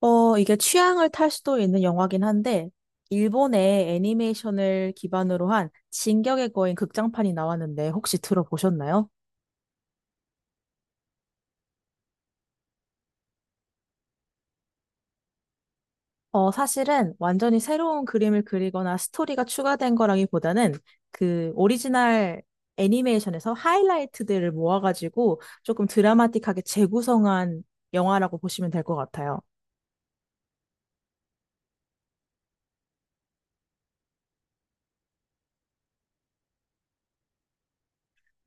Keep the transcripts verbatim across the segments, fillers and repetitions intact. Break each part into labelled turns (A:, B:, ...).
A: 어, 이게 취향을 탈 수도 있는 영화긴 한데, 일본의 애니메이션을 기반으로 한 진격의 거인 극장판이 나왔는데 혹시 들어보셨나요? 어, 사실은 완전히 새로운 그림을 그리거나 스토리가 추가된 거라기보다는 그 오리지널 애니메이션에서 하이라이트들을 모아가지고 조금 드라마틱하게 재구성한 영화라고 보시면 될 것 같아요.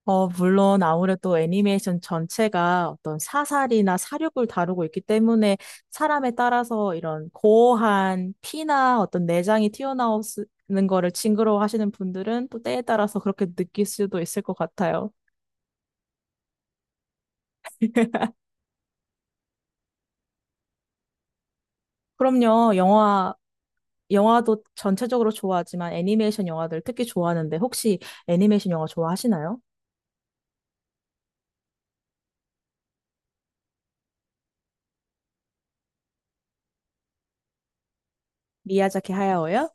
A: 어, 물론 아무래도 애니메이션 전체가 어떤 사살이나 살육을 다루고 있기 때문에 사람에 따라서 이런 고어한 피나 어떤 내장이 튀어나오는 거를 징그러워하시는 분들은 또 때에 따라서 그렇게 느낄 수도 있을 것 같아요. 그럼요, 영화, 영화도 전체적으로 좋아하지만 애니메이션 영화들 특히 좋아하는데 혹시 애니메이션 영화 좋아하시나요? 미야자키 하야오요?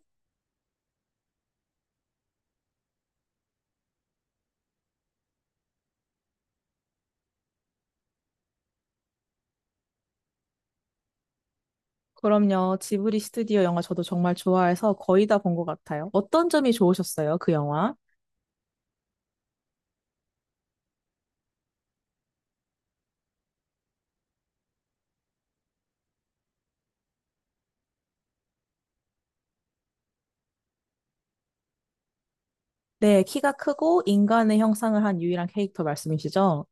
A: 그럼요. 지브리 스튜디오 영화 저도 정말 좋아해서 거의 다 본 것 같아요. 어떤 점이 좋으셨어요, 그 영화? 네, 키가 크고 인간의 형상을 한 유일한 캐릭터 말씀이시죠?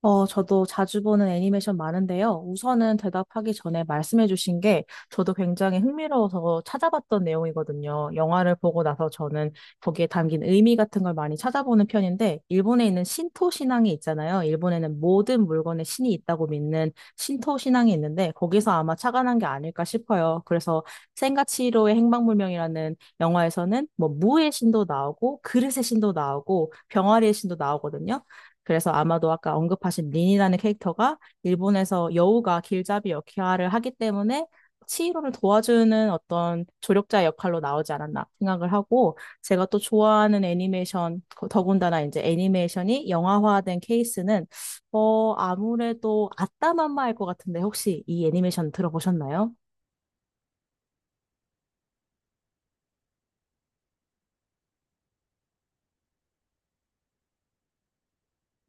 A: 어, 저도 자주 보는 애니메이션 많은데요. 우선은 대답하기 전에 말씀해주신 게 저도 굉장히 흥미로워서 찾아봤던 내용이거든요. 영화를 보고 나서 저는 거기에 담긴 의미 같은 걸 많이 찾아보는 편인데, 일본에 있는 신토 신앙이 있잖아요. 일본에는 모든 물건에 신이 있다고 믿는 신토 신앙이 있는데, 거기서 아마 착안한 게 아닐까 싶어요. 그래서 센과치히로의 행방불명이라는 영화에서는 뭐 무의 신도 나오고, 그릇의 신도 나오고, 병아리의 신도 나오거든요. 그래서 아마도 아까 언급하신 린이라는 캐릭터가 일본에서 여우가 길잡이 역할을 하기 때문에 치히로를 도와주는 어떤 조력자 역할로 나오지 않았나 생각을 하고 제가 또 좋아하는 애니메이션 더군다나 이제 애니메이션이 영화화된 케이스는 어 아무래도 아따맘마일 것 같은데 혹시 이 애니메이션 들어보셨나요?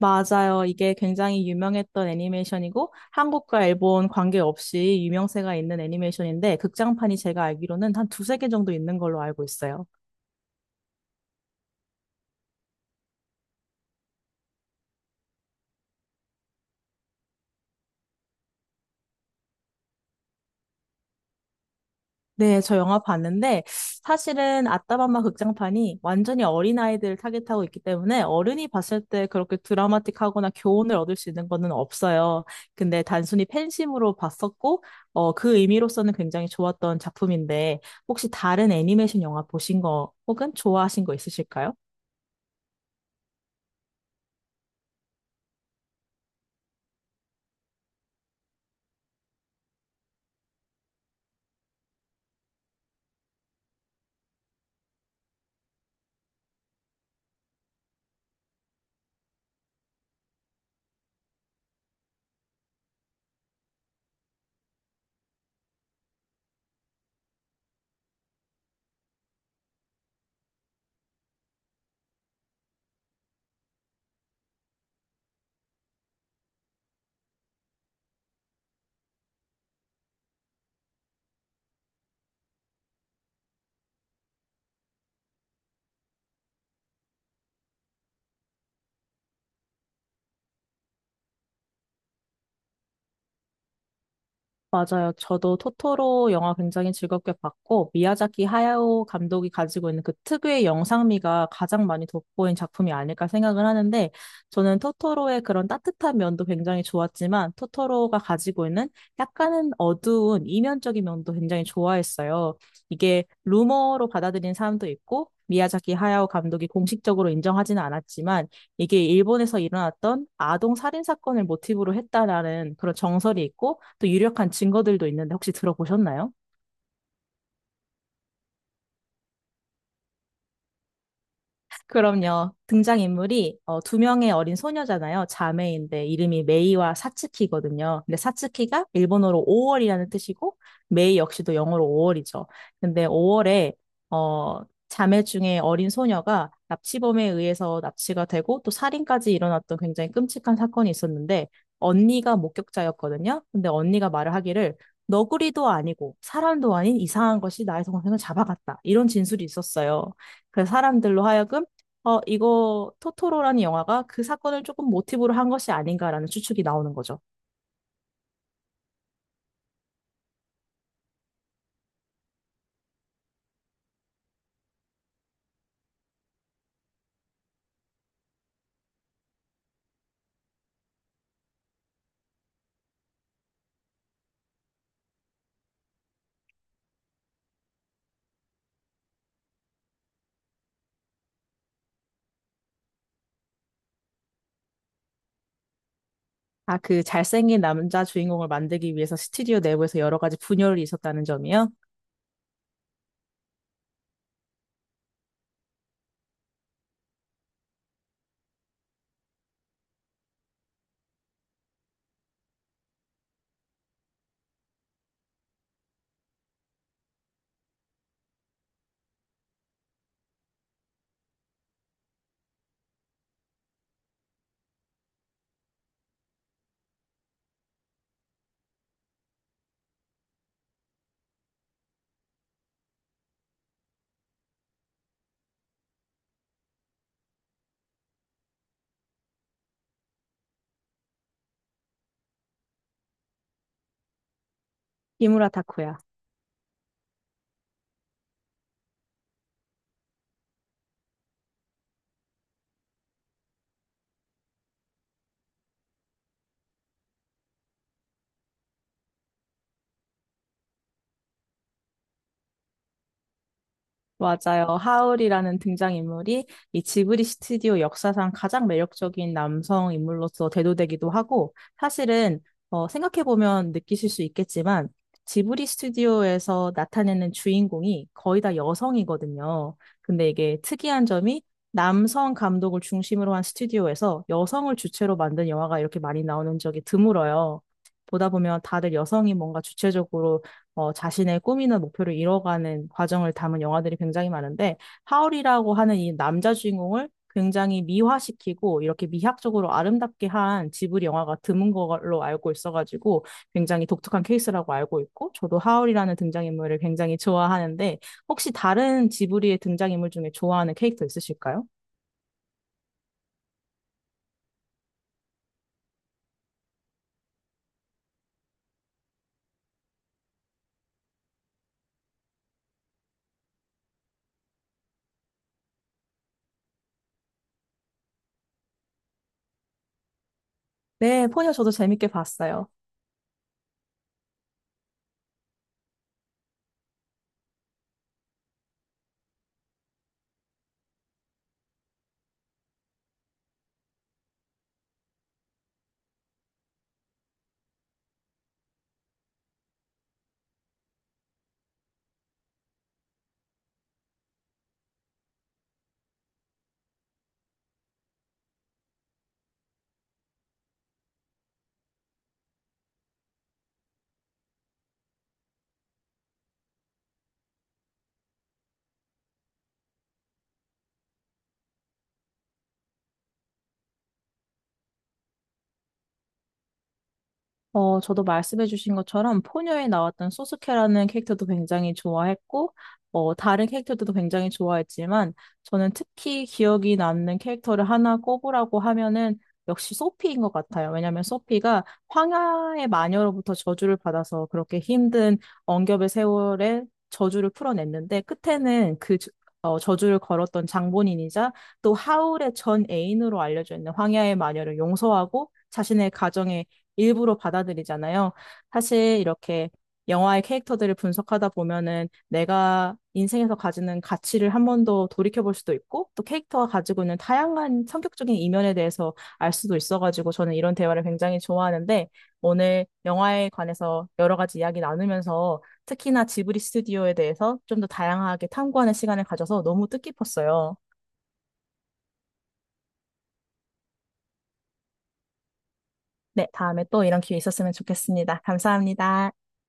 A: 맞아요. 이게 굉장히 유명했던 애니메이션이고 한국과 일본 관계없이 유명세가 있는 애니메이션인데 극장판이 제가 알기로는 한 두세 개 정도 있는 걸로 알고 있어요. 네, 저 영화 봤는데 사실은 아따맘마 극장판이 완전히 어린아이들을 타겟하고 있기 때문에 어른이 봤을 때 그렇게 드라마틱하거나 교훈을 얻을 수 있는 거는 없어요. 근데 단순히 팬심으로 봤었고 어, 그 의미로서는 굉장히 좋았던 작품인데 혹시 다른 애니메이션 영화 보신 거 혹은 좋아하신 거 있으실까요? 맞아요. 저도 토토로 영화 굉장히 즐겁게 봤고, 미야자키 하야오 감독이 가지고 있는 그 특유의 영상미가 가장 많이 돋보인 작품이 아닐까 생각을 하는데, 저는 토토로의 그런 따뜻한 면도 굉장히 좋았지만, 토토로가 가지고 있는 약간은 어두운 이면적인 면도 굉장히 좋아했어요. 이게 루머로 받아들인 사람도 있고, 미야자키 하야오 감독이 공식적으로 인정하지는 않았지만, 이게 일본에서 일어났던 아동 살인 사건을 모티브로 했다라는 그런 정설이 있고 또 유력한 증거들도 있는데 혹시 들어보셨나요? 그럼요. 등장인물이 어, 두 명의 어린 소녀잖아요. 자매인데 이름이 메이와 사츠키거든요. 근데 사츠키가 일본어로 오월이라는 뜻이고 메이 역시도 영어로 오월이죠. 근데 오월에 어, 자매 중에 어린 소녀가 납치범에 의해서 납치가 되고 또 살인까지 일어났던 굉장히 끔찍한 사건이 있었는데 언니가 목격자였거든요. 근데 언니가 말을 하기를 너구리도 아니고 사람도 아닌 이상한 것이 나의 동생을 잡아갔다. 이런 진술이 있었어요. 그래서 사람들로 하여금 어, 이거 토토로라는 영화가 그 사건을 조금 모티브로 한 것이 아닌가라는 추측이 나오는 거죠. 아, 그 잘생긴 남자 주인공을 만들기 위해서 스튜디오 내부에서 여러 가지 분열이 있었다는 점이요? 히무라 타쿠야. 맞아요. 하울이라는 등장인물이 이 지브리 스튜디오 역사상 가장 매력적인 남성 인물로서 대도되기도 하고, 사실은, 어, 생각해보면 느끼실 수 있겠지만, 지브리 스튜디오에서 나타내는 주인공이 거의 다 여성이거든요. 근데 이게 특이한 점이 남성 감독을 중심으로 한 스튜디오에서 여성을 주체로 만든 영화가 이렇게 많이 나오는 적이 드물어요. 보다 보면 다들 여성이 뭔가 주체적으로 어, 자신의 꿈이나 목표를 이뤄가는 과정을 담은 영화들이 굉장히 많은데, 하울이라고 하는 이 남자 주인공을 굉장히 미화시키고 이렇게 미학적으로 아름답게 한 지브리 영화가 드문 걸로 알고 있어가지고 굉장히 독특한 케이스라고 알고 있고, 저도 하울이라는 등장인물을 굉장히 좋아하는데, 혹시 다른 지브리의 등장인물 중에 좋아하는 캐릭터 있으실까요? 네, 포니어 저도 재밌게 봤어요. 어, 저도 말씀해주신 것처럼 포뇨에 나왔던 소스케라는 캐릭터도 굉장히 좋아했고, 어, 다른 캐릭터들도 굉장히 좋아했지만, 저는 특히 기억이 남는 캐릭터를 하나 꼽으라고 하면은 역시 소피인 것 같아요. 왜냐하면 소피가 황야의 마녀로부터 저주를 받아서 그렇게 힘든 억압의 세월에 저주를 풀어냈는데, 끝에는 그 저- 어, 저주를 걸었던 장본인이자 또 하울의 전 애인으로 알려져 있는 황야의 마녀를 용서하고 자신의 가정에 일부러 받아들이잖아요. 사실 이렇게 영화의 캐릭터들을 분석하다 보면은 내가 인생에서 가지는 가치를 한 번 더 돌이켜볼 수도 있고 또 캐릭터가 가지고 있는 다양한 성격적인 이면에 대해서 알 수도 있어가지고 저는 이런 대화를 굉장히 좋아하는데 오늘 영화에 관해서 여러 가지 이야기 나누면서 특히나 지브리 스튜디오에 대해서 좀 더 다양하게 탐구하는 시간을 가져서 너무 뜻깊었어요. 네, 다음에 또 이런 기회 있었으면 좋겠습니다. 감사합니다.